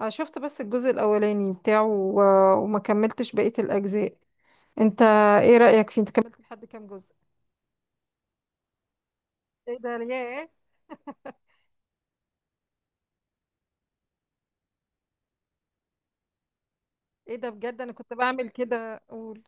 شفت بس الجزء الأولاني بتاعه و... وما كملتش بقية الأجزاء. انت، ايه رأيك فيه؟ انت كملت لحد كام جزء؟ ايه ده! ياه، ايه ده بجد! انا كنت بعمل كده، اقول.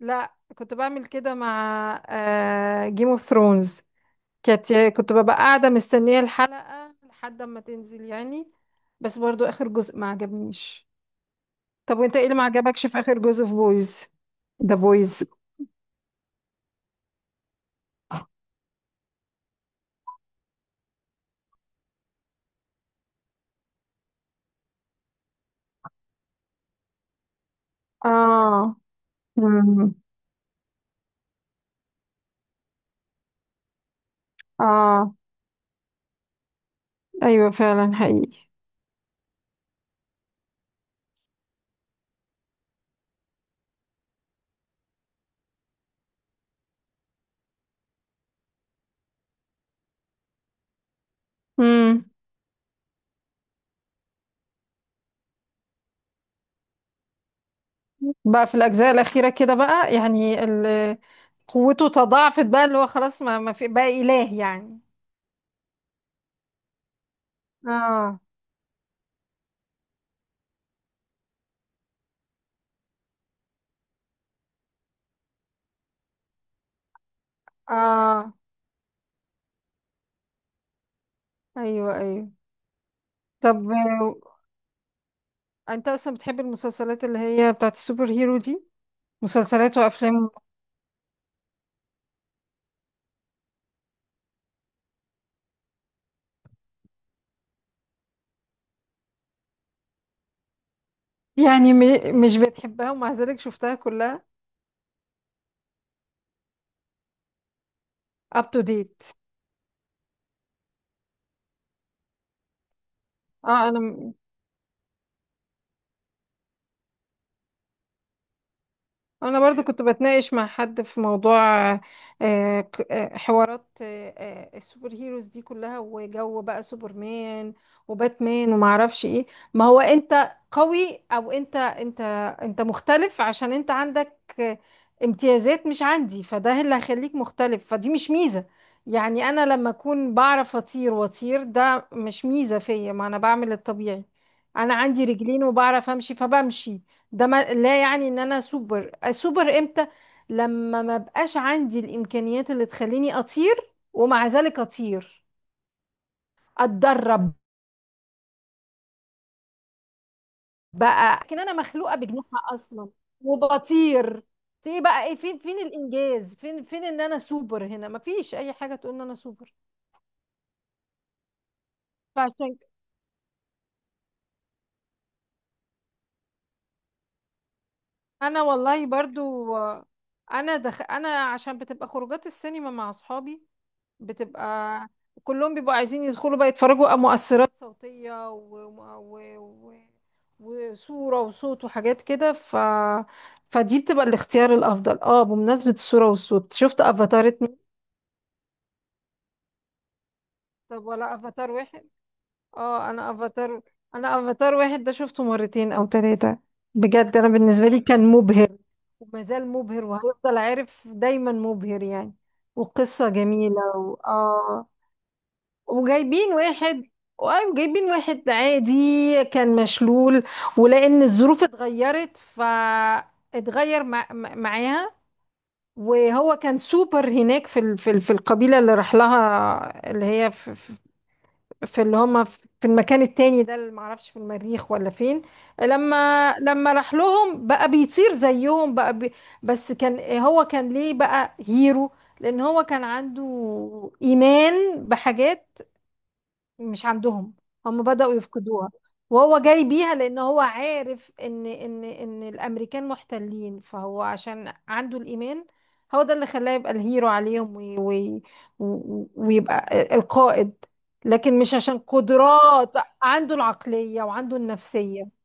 لا، كنت بعمل كده مع جيم اوف ثرونز. كنت ببقى قاعدة مستنية الحلقة لحد ما تنزل، يعني. بس برضو آخر جزء ما عجبنيش. طب وانت، ايه اللي ما عجبكش في آخر جزء في بويز؟ ده بويز. اه. مم. اه، ايوه، فعلا حقيقي. مم. بقى في الأجزاء الأخيرة كده بقى، يعني قوته تضاعفت بقى، اللي هو خلاص ما في بقى إله، يعني. اه، اه، ايوه، ايوه. طب، انت اصلا بتحب المسلسلات اللي هي بتاعت السوبر هيرو دي؟ مسلسلات وافلام؟ يعني مش بتحبها ومع ذلك شفتها كلها up to date. اه، انا برضو كنت بتناقش مع حد في موضوع، حوارات السوبر هيروز دي كلها، وجو بقى سوبرمان، وباتمان، وما اعرفش ايه. ما هو انت قوي، او انت مختلف عشان انت عندك آه، امتيازات مش عندي، فده اللي هيخليك مختلف، فدي مش ميزة. يعني انا لما اكون بعرف اطير، واطير، ده مش ميزة فيا، ما انا بعمل الطبيعي. انا عندي رجلين وبعرف امشي، فبمشي. ده ما لا يعني ان انا سوبر. السوبر امتى؟ لما ما بقاش عندي الامكانيات اللي تخليني اطير ومع ذلك اطير، اتدرب. بقى لكن انا مخلوقه بجناحها اصلا، وبطير. ايه بقى؟ ايه؟ فين الانجاز؟ فين ان انا سوبر؟ هنا مفيش اي حاجه تقول ان انا سوبر. فعشان ك- انا والله برضو. انا عشان بتبقى خروجات السينما مع اصحابي، بتبقى كلهم بيبقوا عايزين يدخلوا بقى يتفرجوا على مؤثرات صوتية و... و... و... وصورة وصوت وحاجات كده. فدي بتبقى الاختيار الأفضل. اه، بمناسبة الصورة والصوت، شفت افاتار 2؟ طب ولا افاتار واحد؟ اه، انا افاتار واحد ده شفته مرتين او ثلاثة. بجد انا بالنسبة لي كان مبهر، وما زال مبهر، وهيفضل عارف دايما مبهر يعني. وقصة جميلة اه. وجايبين واحد وايوه، جايبين واحد عادي كان مشلول، ولان الظروف اتغيرت فاتغير معاها. وهو كان سوبر هناك في القبيله اللي راح لها، اللي هي في اللي هم في المكان التاني ده، اللي معرفش، في المريخ ولا فين. لما راح لهم بقى بيطير زيهم بقى. بس كان، هو كان ليه بقى هيرو؟ لان هو كان عنده ايمان بحاجات مش عندهم، هم بدأوا يفقدوها وهو جاي بيها، لأن هو عارف إن الأمريكان محتلين، فهو عشان عنده الإيمان، هو ده اللي خلاه يبقى الهيرو عليهم وي وي و- ويبقى القائد. لكن مش عشان قدرات، عنده العقلية وعنده النفسية.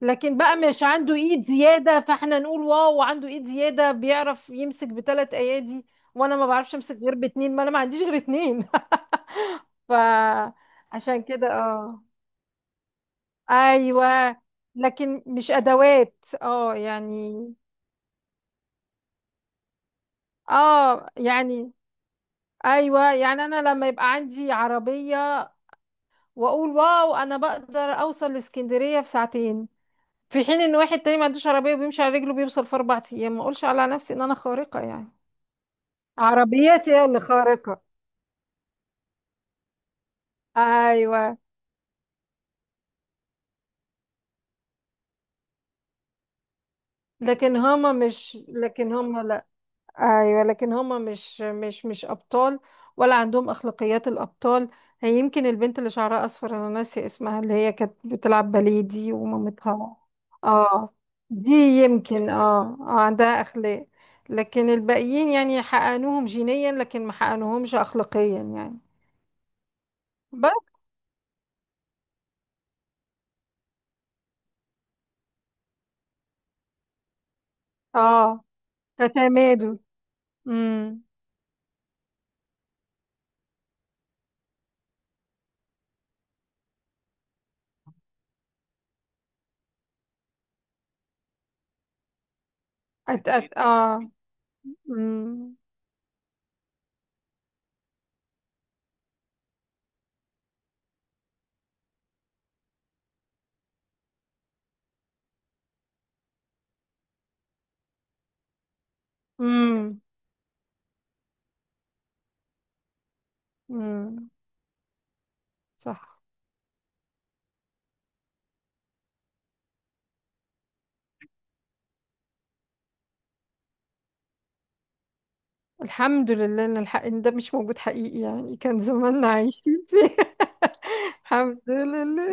لكن بقى مش عنده ايد زيادة، فاحنا نقول واو، عنده ايد زيادة بيعرف يمسك بثلاث ايادي، وانا ما بعرفش امسك غير باتنين، ما انا ما عنديش غير اتنين. فعشان كده. اه، ايوه، لكن مش ادوات. اه، يعني، اه، يعني، ايوه، يعني انا لما يبقى عندي عربيه، واقول واو، انا بقدر اوصل لاسكندريه في ساعتين، في حين ان واحد تاني ما عندوش عربيه وبيمشي على رجله بيوصل في 4 ايام، ما اقولش على نفسي ان انا خارقه، يعني. عربيتي هي اللي خارقه. ايوه، لكن هما لا. ايوه، لكن هما مش ابطال، ولا عندهم اخلاقيات الابطال. هي يمكن البنت اللي شعرها اصفر، انا ناسيه اسمها، اللي هي كانت بتلعب باليه دي ومامتها. اه، دي يمكن عندها اخلاق. لكن الباقيين يعني حقنوهم جينيا، لكن ما حقنوهمش اخلاقيا يعني. بس. اه. فتمادوا. امم. أت. أت. اه. امم. امم. امم. صح. الحمد لله ان الحق ان ده مش موجود حقيقي، يعني كان زماننا عايشين فيه. الحمد لله.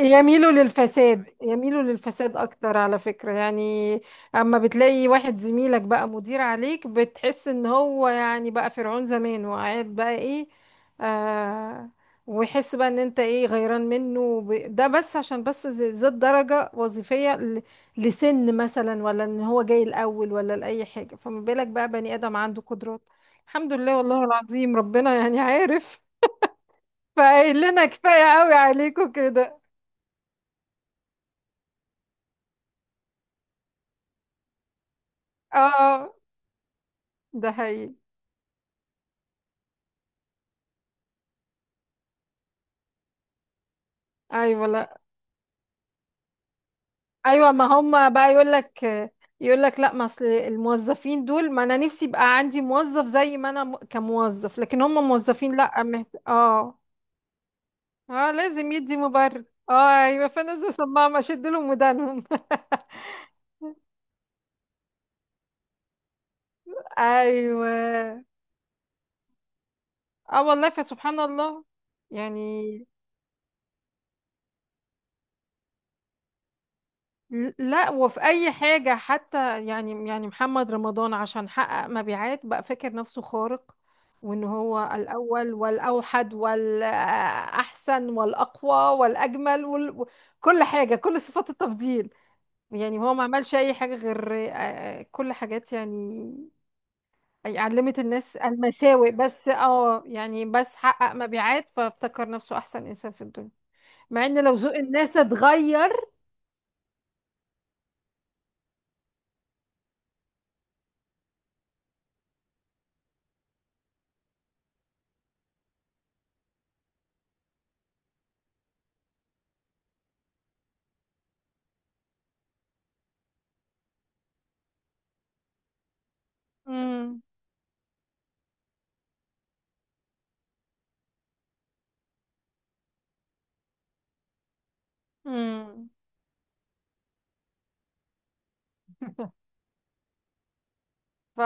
يميلوا للفساد، يميلوا للفساد اكتر، على فكرة يعني. اما بتلاقي واحد زميلك بقى مدير عليك، بتحس ان هو يعني بقى فرعون زمان وقاعد بقى ايه، آه، ويحس بقى ان انت ايه، غيران منه ده بس عشان بس زاد درجة وظيفية لسن مثلا، ولا ان هو جاي الاول، ولا لاي حاجة. فما بالك بقى بني ادم عنده قدرات؟ الحمد لله، والله العظيم ربنا يعني عارف، فقايل لنا كفاية قوي عليكم كده. اه، ده حقيقي. ايوه. لا. ايوه، ما هم بقى يقول لك، لا، ما اصل الموظفين دول، ما انا نفسي يبقى عندي موظف زي ما انا كموظف، لكن هم موظفين لا. اه. اه، لازم يدي مبرر. اه، ايوه، فنزلوا سماعة، ما شد لهم ودانهم. ايوه. اه والله، فسبحان الله. يعني لا، وفي اي حاجة حتى، يعني محمد رمضان عشان حقق مبيعات بقى فاكر نفسه خارق، وان هو الاول والاوحد والاحسن والاقوى والاجمل كل حاجة، كل صفات التفضيل. يعني هو ما عملش اي حاجة غير كل حاجات، يعني علمت الناس المساوئ بس. اه، يعني بس حقق مبيعات فافتكر نفسه احسن انسان في الدنيا. مع ان لو ذوق الناس اتغير. امم. ف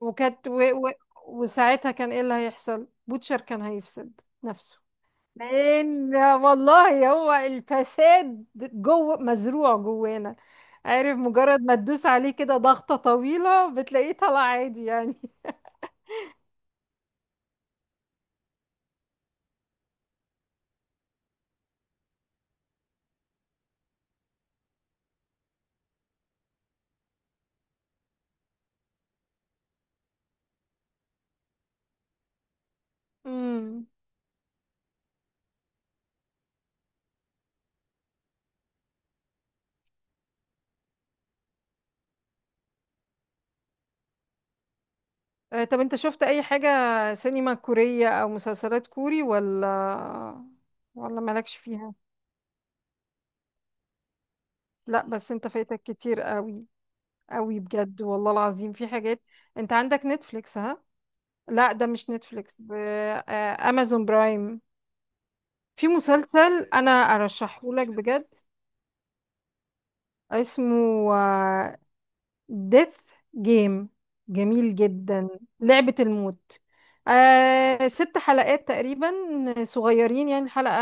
وكانت و... و... وساعتها كان ايه اللي هيحصل، بوتشر كان هيفسد نفسه. لان والله هو الفساد جوه مزروع جوانا، عارف، مجرد ما تدوس عليه كده ضغطة طويلة بتلاقيه طلع عادي، يعني. امم. طب انت شفت اي حاجة سينما كورية او مسلسلات كوري، ولا مالكش فيها؟ لا، بس انت فايتك كتير قوي. قوي بجد، والله العظيم في حاجات. انت عندك نتفليكس؟ ها، لا، ده مش نتفليكس امازون برايم. في مسلسل انا ارشحه لك بجد، اسمه ديث جيم. جميل جدا، لعبة الموت. آه، ست حلقات تقريبا، صغيرين يعني حلقة.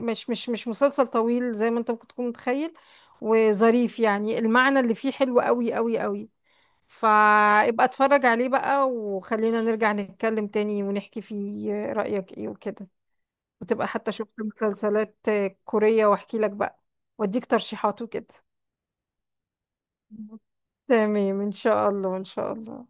مش مسلسل طويل زي ما انت ممكن تكون متخيل. وظريف، يعني المعنى اللي فيه حلو قوي قوي قوي. فابقى اتفرج عليه بقى، وخلينا نرجع نتكلم تاني ونحكي فيه رأيك ايه وكده. وتبقى حتى شفت مسلسلات كورية واحكي لك بقى، واديك ترشيحات وكده. تمام، ان شاء الله، ان شاء الله.